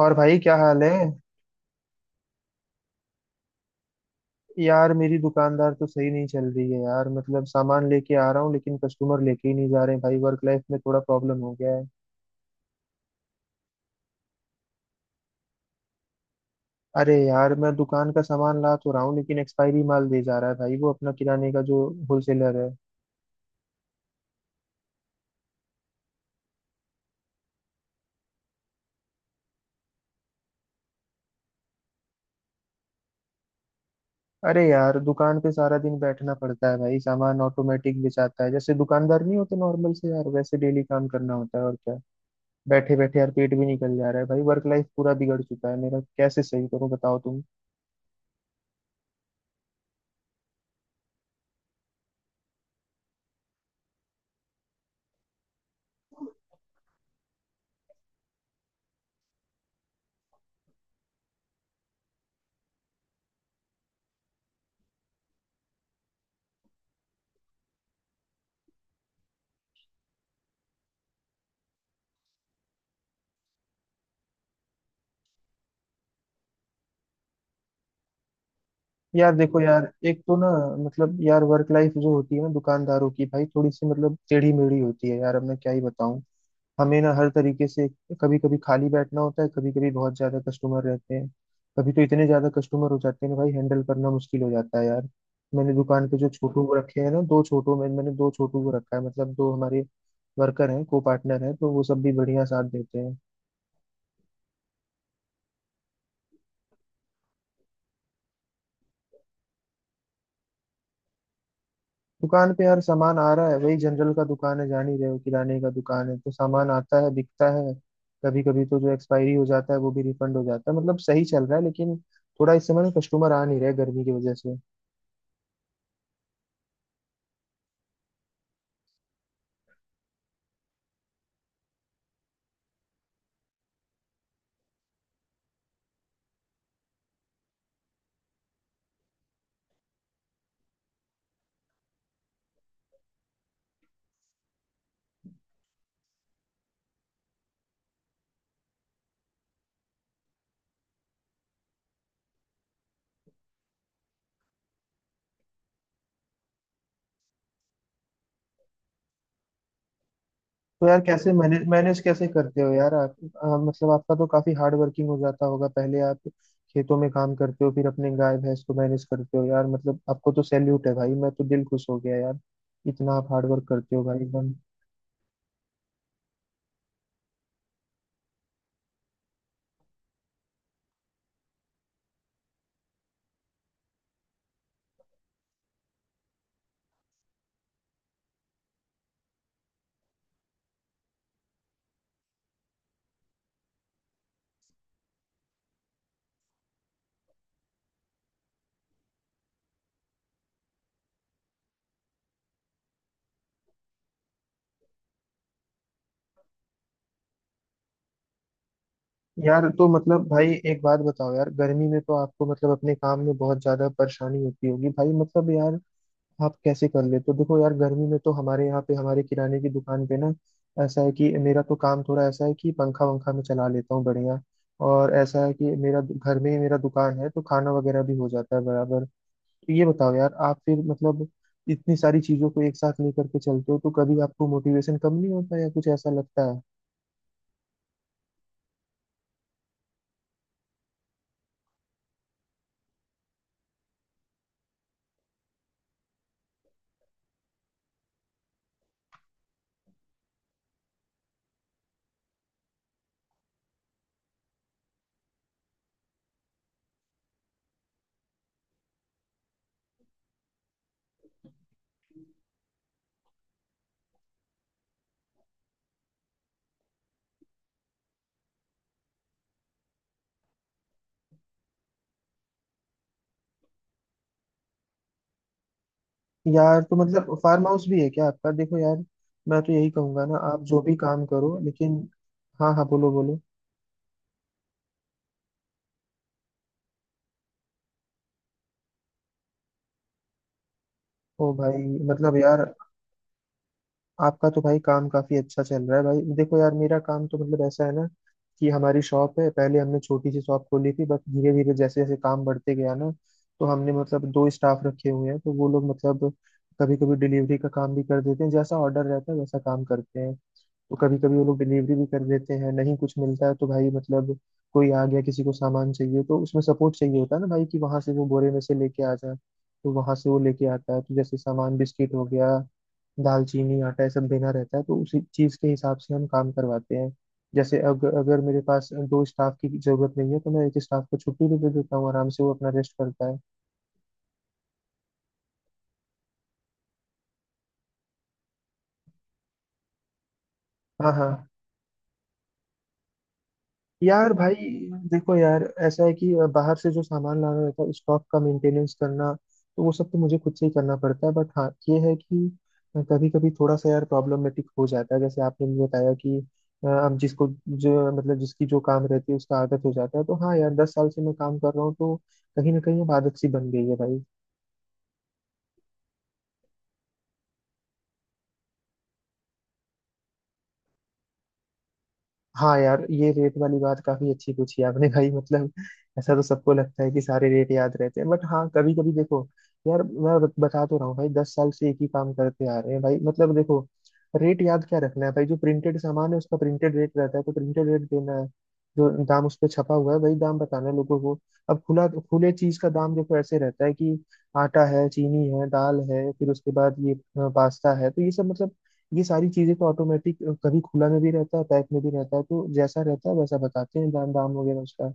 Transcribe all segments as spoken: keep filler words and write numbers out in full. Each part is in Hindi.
और भाई क्या हाल है। यार मेरी दुकानदार तो सही नहीं चल रही है यार, मतलब सामान लेके आ रहा हूँ लेकिन कस्टमर लेके ही नहीं जा रहे हैं भाई। वर्क लाइफ में थोड़ा प्रॉब्लम हो गया है। अरे यार, मैं दुकान का सामान ला तो रहा हूँ लेकिन एक्सपायरी माल दे जा रहा है भाई, वो अपना किराने का जो होलसेलर है। अरे यार, दुकान पे सारा दिन बैठना पड़ता है भाई। सामान ऑटोमेटिक बेचाता है जैसे, दुकानदार नहीं होते नॉर्मल से यार, वैसे डेली काम करना होता है और क्या। बैठे बैठे यार पेट भी निकल जा रहा है भाई, वर्क लाइफ पूरा बिगड़ चुका है मेरा, कैसे सही करूँ बताओ तुम। यार देखो यार, एक तो ना मतलब यार, वर्क लाइफ जो होती है ना दुकानदारों की भाई, थोड़ी सी मतलब टेढ़ी मेढ़ी होती है यार, अब मैं क्या ही बताऊं। हमें ना हर तरीके से कभी कभी खाली बैठना होता है, कभी कभी बहुत ज्यादा कस्टमर रहते हैं। कभी तो इतने ज्यादा कस्टमर हो जाते हैं ना भाई, हैंडल करना मुश्किल हो जाता है यार। मैंने दुकान पे जो छोटू को रखे हैं ना, दो छोटू में, मैंने दो छोटू को रखा है, मतलब दो हमारे वर्कर हैं को पार्टनर हैं, तो वो सब भी बढ़िया साथ देते हैं। दुकान पे यार सामान आ रहा है, वही जनरल का दुकान है, जान ही रहे हो, किराने का दुकान है तो सामान आता है बिकता है। कभी कभी तो जो एक्सपायरी हो जाता है वो भी रिफंड हो जाता है, मतलब सही चल रहा है लेकिन थोड़ा इस समय कस्टमर आ नहीं रहे गर्मी की वजह से। तो यार कैसे मैनेज मैनेज कैसे करते हो यार आप। आ, मतलब आपका तो काफी हार्ड वर्किंग हो जाता होगा, पहले आप खेतों में काम करते हो, फिर अपने गाय भैंस को मैनेज करते हो यार, मतलब आपको तो सैल्यूट है भाई, मैं तो दिल खुश हो गया यार, इतना आप हार्ड वर्क करते हो भाई एकदम। यार तो मतलब भाई एक बात बताओ यार, गर्मी में तो आपको मतलब अपने काम में बहुत ज्यादा परेशानी होती होगी भाई, मतलब यार आप कैसे कर लेते हो। देखो यार गर्मी में तो हमारे यहाँ पे, हमारे किराने की दुकान पे ना, ऐसा है कि मेरा तो काम थोड़ा ऐसा है कि पंखा वंखा में चला लेता हूँ बढ़िया। और ऐसा है कि मेरा दु- घर में ही मेरा दुकान है तो खाना वगैरह भी हो जाता है बराबर। तो ये बताओ यार आप, फिर मतलब इतनी सारी चीजों को एक साथ लेकर के चलते हो तो कभी आपको मोटिवेशन कम नहीं होता या कुछ ऐसा लगता है। यार तो मतलब फार्म हाउस भी है क्या आपका। देखो यार, मैं तो यही कहूंगा ना, आप जो भी काम करो लेकिन, हाँ हाँ बोलो बोलो। ओ भाई, मतलब यार आपका तो भाई काम काफी अच्छा चल रहा है भाई। देखो यार, मेरा काम तो मतलब ऐसा है ना कि हमारी शॉप है। पहले हमने छोटी सी शॉप खोली थी बट धीरे धीरे, जैसे जैसे काम बढ़ते गया ना, तो हमने मतलब दो स्टाफ रखे हुए हैं, तो वो लोग मतलब कभी कभी डिलीवरी का काम भी कर देते हैं, जैसा ऑर्डर रहता है वैसा काम करते हैं। तो कभी कभी वो लोग डिलीवरी भी कर देते हैं, नहीं कुछ मिलता है तो भाई मतलब, कोई आ गया किसी को सामान चाहिए तो उसमें सपोर्ट चाहिए होता है ना भाई, कि वहां से वो बोरे में से लेके आ जाए। तो वहां से वो लेके आता है, तो जैसे सामान बिस्किट हो गया, दालचीनी, आटा, ये सब देना रहता है, तो उसी चीज के हिसाब से हम काम करवाते हैं। जैसे अगर अगर मेरे पास दो स्टाफ की जरूरत नहीं है तो मैं एक स्टाफ को छुट्टी भी दे देता हूँ, आराम से वो अपना रेस्ट करता है। हाँ हाँ। यार भाई देखो यार, ऐसा है कि बाहर से जो सामान लाना रहता है, स्टॉक का मेंटेनेंस करना, तो वो सब तो मुझे खुद से ही करना पड़ता है। बट हाँ, ये है कि कभी कभी थोड़ा सा यार प्रॉब्लमेटिक हो जाता है, जैसे आपने भी बताया कि अ, अब जिसको जो मतलब जिसकी जो काम रहती है उसका आदत हो जाता है। तो हाँ यार, दस साल से मैं काम कर रहा हूँ, तो कहीं ना कहीं अब आदत सी बन गई है भाई। हाँ यार, ये रेट वाली बात काफी अच्छी पूछी आपने भाई, मतलब ऐसा तो सबको लगता है कि सारे रेट याद रहते हैं, बट हाँ कभी कभी देखो यार, मैं बत- बता तो रहा हूँ भाई, दस साल से एक ही काम करते आ रहे हैं भाई, मतलब देखो, रेट याद क्या रखना है भाई, जो प्रिंटेड सामान है उसका प्रिंटेड रेट रहता है तो प्रिंटेड रेट देना है, जो दाम उस पर छपा हुआ है वही दाम बताना है लोगों को। अब खुला, खुले चीज का दाम देखो ऐसे रहता है कि आटा है, चीनी है, दाल है, फिर उसके बाद ये अ, पास्ता है, तो ये सब मतलब ये सारी चीजें तो ऑटोमेटिक, कभी खुला में भी रहता है पैक में भी रहता है, तो जैसा रहता है वैसा बताते हैं दाम, दाम वगैरह उसका।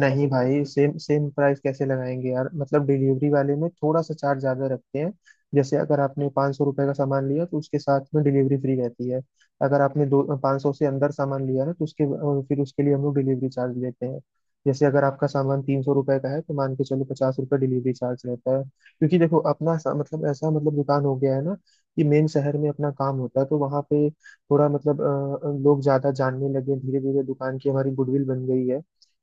नहीं भाई सेम सेम प्राइस कैसे लगाएंगे यार, मतलब डिलीवरी वाले में थोड़ा सा चार्ज ज्यादा रखते हैं। जैसे अगर आपने 500 सौ रुपये का सामान लिया तो उसके साथ में डिलीवरी फ्री रहती है। अगर आपने दो 500 सौ से अंदर सामान लिया ना, तो उसके अ, फिर उसके लिए हम लोग डिलीवरी चार्ज लेते हैं। जैसे अगर आपका सामान तीन सौ रुपये का है तो मान के चलो पचास रुपये डिलीवरी चार्ज रहता है, क्योंकि देखो अपना सा, मतलब ऐसा मतलब दुकान हो गया है ना कि मेन शहर में अपना काम होता है, तो वहाँ पे थोड़ा मतलब अ, लोग ज्यादा जानने लगे, धीरे धीरे दुकान की हमारी गुडविल बन गई है।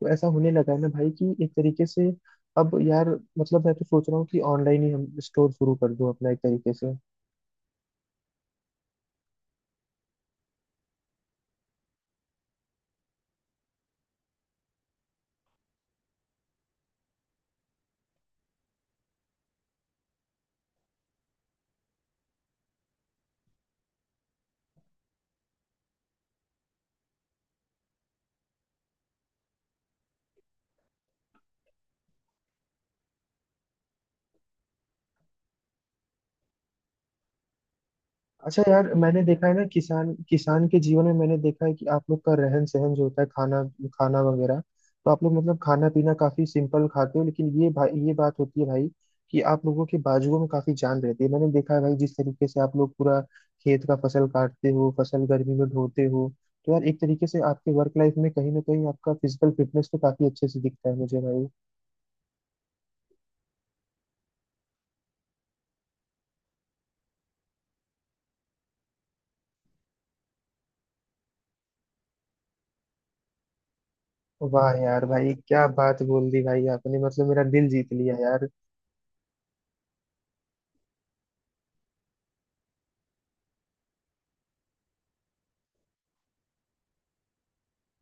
तो ऐसा होने लगा है ना भाई, कि एक तरीके से अब यार मतलब मैं तो सोच रहा हूँ कि ऑनलाइन ही हम स्टोर शुरू कर दूं अपना एक तरीके से। अच्छा यार, मैंने देखा है ना, किसान, किसान के जीवन में मैंने देखा है कि आप लोग का रहन सहन जो होता है, खाना खाना वगैरह, तो आप लोग मतलब खाना पीना काफी सिंपल खाते हो, लेकिन ये भाई ये बात होती है भाई कि आप लोगों के बाजुओं में काफी जान रहती है। मैंने देखा है भाई जिस तरीके से आप लोग पूरा खेत का फसल काटते हो, फसल गर्मी में ढोते हो, तो यार एक तरीके से आपके वर्क लाइफ में कहीं ना कहीं आपका फिजिकल फिटनेस तो काफी अच्छे से दिखता है मुझे भाई। वाह यार भाई क्या बात बोल दी भाई आपने, मतलब मेरा दिल जीत लिया यार।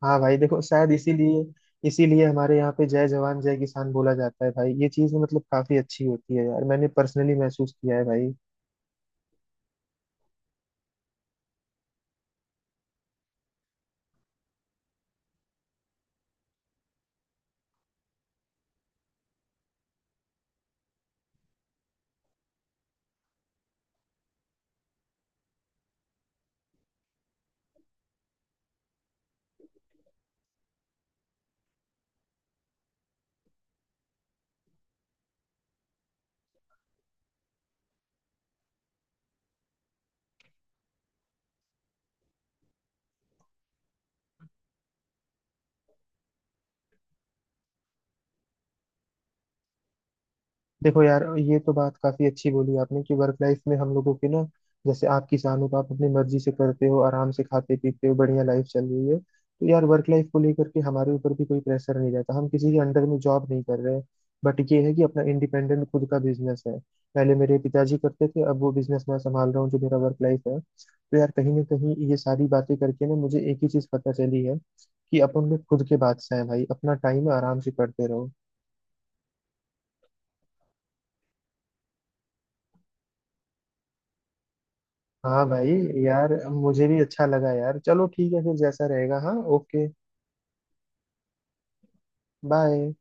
हाँ भाई देखो, शायद इसीलिए इसीलिए हमारे यहाँ पे जय जवान जय किसान बोला जाता है भाई। ये चीज मतलब काफी अच्छी होती है यार, मैंने पर्सनली महसूस किया है भाई। देखो यार, ये तो बात काफी अच्छी बोली आपने, कि वर्क लाइफ में हम लोगों की ना, जैसे आप किसान हो तो आप अपनी मर्जी से करते हो, आराम से खाते पीते हो, बढ़िया लाइफ चल रही है, तो यार वर्क लाइफ को लेकर के हमारे ऊपर भी कोई प्रेशर नहीं रहता, हम किसी के अंडर में जॉब नहीं कर रहे हैं। बट ये है कि अपना इंडिपेंडेंट खुद का बिजनेस है। पहले मेरे पिताजी करते थे, अब वो बिजनेस मैं संभाल रहा हूँ जो मेरा वर्क लाइफ है। तो यार, कहीं ना कहीं ये सारी बातें करके ना मुझे एक ही चीज पता चली है, कि अपन में खुद के बादशाह हैं भाई, अपना टाइम आराम से करते रहो। हाँ भाई। यार मुझे भी अच्छा लगा यार, चलो ठीक है फिर, जैसा रहेगा। हाँ, ओके, बाय।